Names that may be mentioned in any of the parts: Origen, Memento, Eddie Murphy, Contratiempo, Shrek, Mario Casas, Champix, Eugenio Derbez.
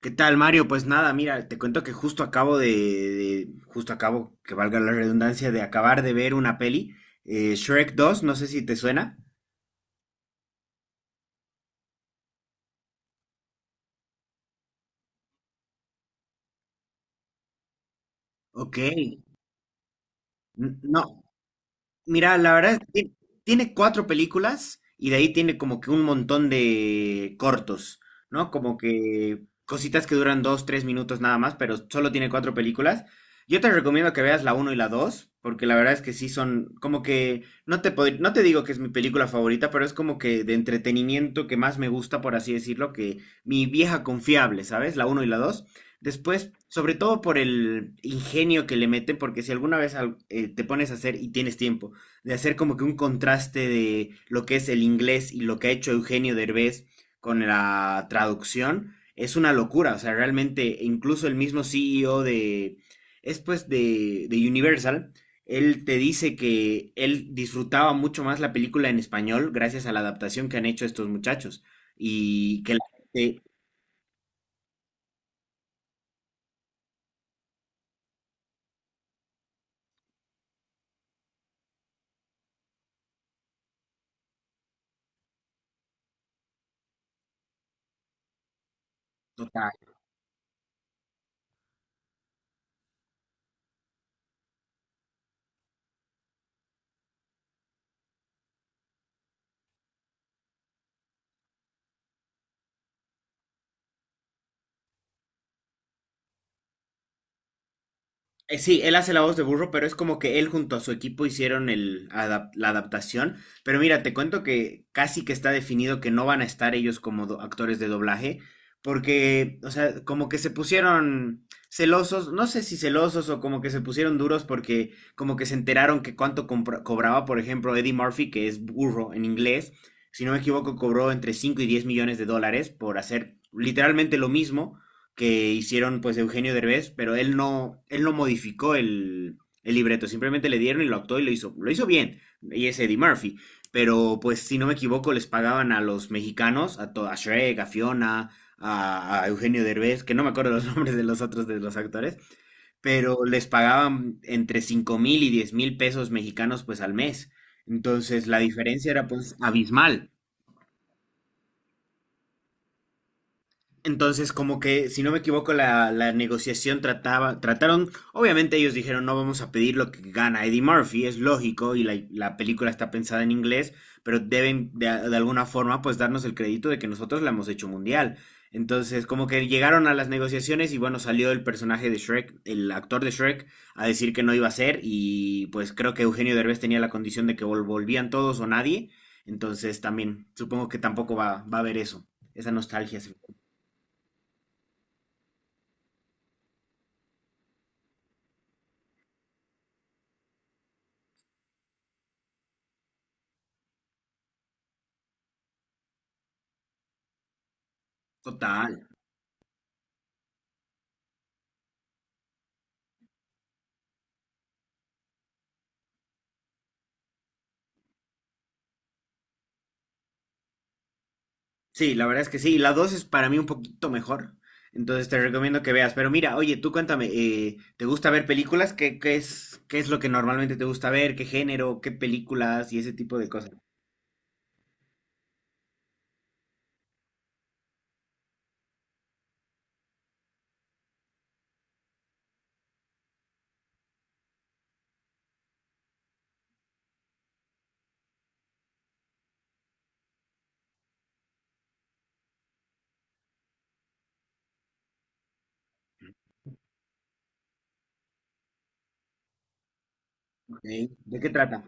¿Qué tal, Mario? Pues nada, mira, te cuento que justo justo acabo, que valga la redundancia, de acabar de ver una peli, Shrek dos, no sé si te suena. Ok, N- no, Mira, La verdad es que tiene cuatro películas y de ahí tiene como que un montón de cortos, ¿no? Como que cositas que duran dos, tres minutos nada más, pero solo tiene cuatro películas. Yo te recomiendo que veas la uno y la dos, porque la verdad es que sí son como que, no te digo que es mi película favorita, pero es como que de entretenimiento que más me gusta, por así decirlo, que mi vieja confiable, ¿sabes? La uno y la dos. Después, sobre todo por el ingenio que le meten, porque si alguna vez te pones a hacer y tienes tiempo, de hacer como que un contraste de lo que es el inglés y lo que ha hecho Eugenio Derbez con la traducción, es una locura. O sea, realmente, incluso el mismo CEO de es de Universal, él te dice que él disfrutaba mucho más la película en español gracias a la adaptación que han hecho estos muchachos y que la gente, o sea, sí, él hace la voz de burro, pero es como que él junto a su equipo hicieron la adaptación. Pero mira, te cuento que casi que está definido que no van a estar ellos como actores de doblaje, porque, o sea, como que se pusieron celosos, no sé si celosos o como que se pusieron duros porque como que se enteraron que cuánto cobraba, por ejemplo, Eddie Murphy, que es burro en inglés, si no me equivoco, cobró entre 5 y 10 millones de dólares por hacer literalmente lo mismo que hicieron pues Eugenio Derbez, pero él no modificó el libreto, simplemente le dieron y lo actuó y lo hizo bien, y es Eddie Murphy, pero pues si no me equivoco les pagaban a los mexicanos, a Shrek, a Fiona, a Eugenio Derbez, que no me acuerdo los nombres de los otros de los actores, pero les pagaban entre 5.000 y 10.000 pesos mexicanos pues al mes, entonces la diferencia era pues abismal. Entonces, como que, si no me equivoco, la negociación trataba, trataron, obviamente ellos dijeron, no vamos a pedir lo que gana Eddie Murphy, es lógico, y la película está pensada en inglés, pero deben de alguna forma, pues, darnos el crédito de que nosotros la hemos hecho mundial. Entonces, como que llegaron a las negociaciones y bueno, salió el personaje de Shrek, el actor de Shrek, a decir que no iba a ser y pues creo que Eugenio Derbez tenía la condición de que volvían todos o nadie. Entonces, también supongo que tampoco va a haber eso, esa nostalgia. Total. Sí, la verdad es que sí. La 2 es para mí un poquito mejor. Entonces te recomiendo que veas. Pero mira, oye, tú cuéntame, ¿te gusta ver películas? ¿Qué es lo que normalmente te gusta ver? ¿Qué género? ¿Qué películas? Y ese tipo de cosas. Ok. ¿De qué trata?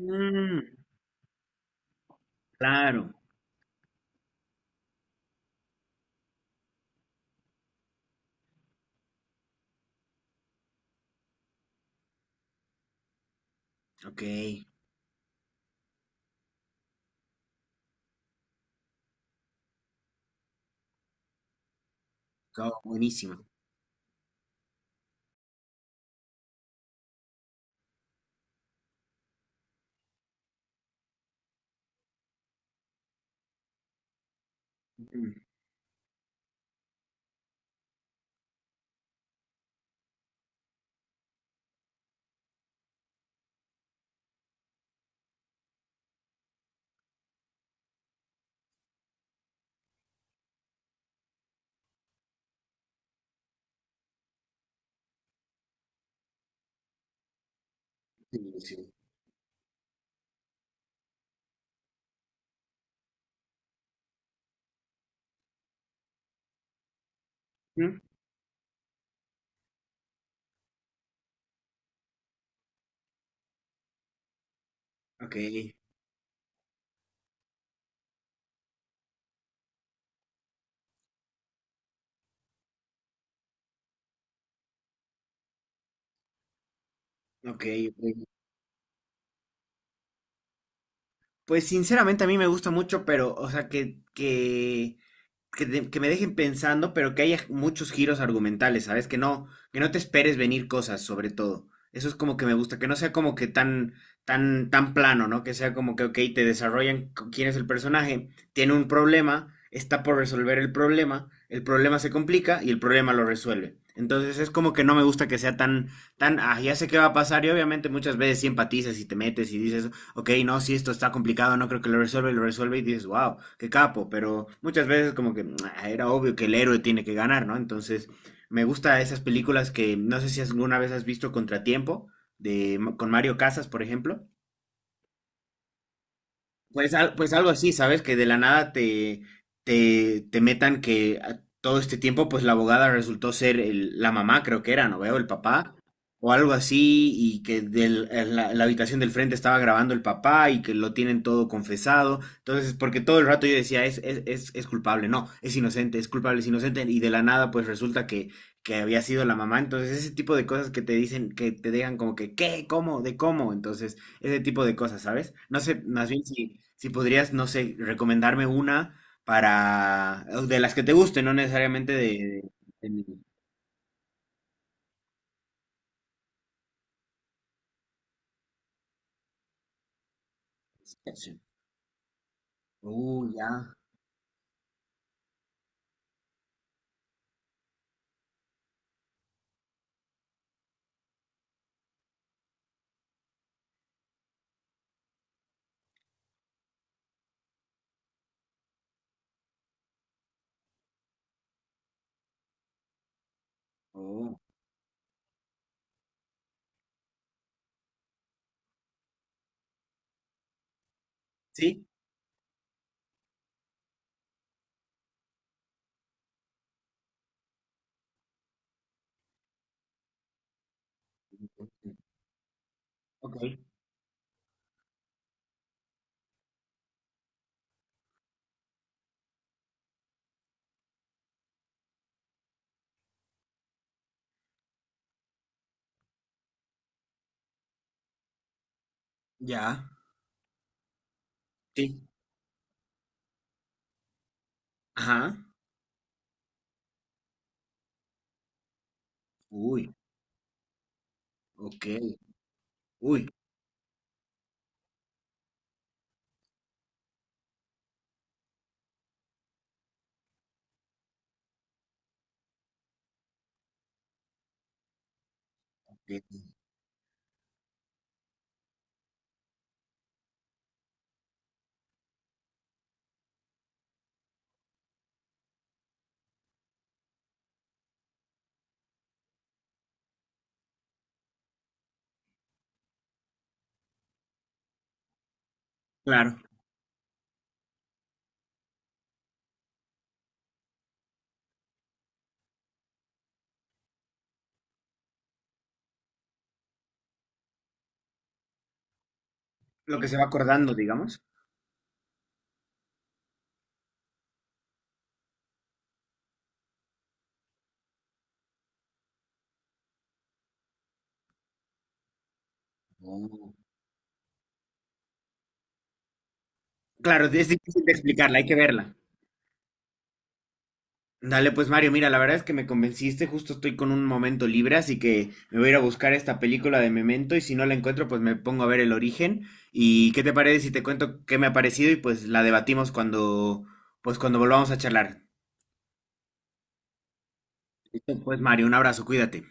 Mm, claro. Ok. Go, buenísimo. Mm, sí, sí. Mm, ok, ok, ok. Pues sinceramente a mí me gusta mucho, pero, o sea, que me dejen pensando, pero que haya muchos giros argumentales, ¿sabes? Que no te esperes venir cosas, sobre todo. Eso es como que me gusta, que no sea como que tan plano, ¿no? Que sea como que, ok, te desarrollan quién es el personaje, tiene un problema, está por resolver el problema se complica y el problema lo resuelve. Entonces es como que no me gusta que sea ah, ya sé qué va a pasar y obviamente muchas veces sí empatizas y te metes y dices, ok, no, si esto está complicado, no creo que lo resuelva y lo resuelve y dices, wow, qué capo, pero muchas veces como que "Ah, era obvio que el héroe tiene que ganar, ¿no?" Entonces, me gusta esas películas que no sé si alguna vez has visto Contratiempo, de, con Mario Casas, por ejemplo. Pues algo así, ¿sabes? Que de la nada te metan que todo este tiempo, pues la abogada resultó ser la mamá, creo que era, ¿no veo? El papá, o algo así, y que en la habitación del frente estaba grabando el papá y que lo tienen todo confesado. Entonces, porque todo el rato yo decía, es culpable, no, es inocente, es culpable, es inocente, y de la nada, pues resulta que había sido la mamá. Entonces, ese tipo de cosas que te dicen, que te dejan como que, ¿qué? ¿Cómo? ¿De cómo? Entonces ese tipo de cosas, ¿sabes? No sé, más bien si podrías, no sé, recomendarme una para, de las que te gusten, no necesariamente de mi situación. Ya. Oh. Sí. Ok. Ya. Sí. Ajá. Uy. Ok. Uy. Ok. Claro. Lo que se va acordando, digamos. Oh. Claro, es difícil de explicarla, hay que verla. Dale, pues Mario, mira, la verdad es que me convenciste, justo estoy con un momento libre, así que me voy a ir a buscar esta película de Memento y si no la encuentro, pues me pongo a ver el origen. ¿Y qué te parece si te cuento qué me ha parecido y pues la debatimos cuando, pues cuando volvamos a charlar? Pues Mario, un abrazo, cuídate.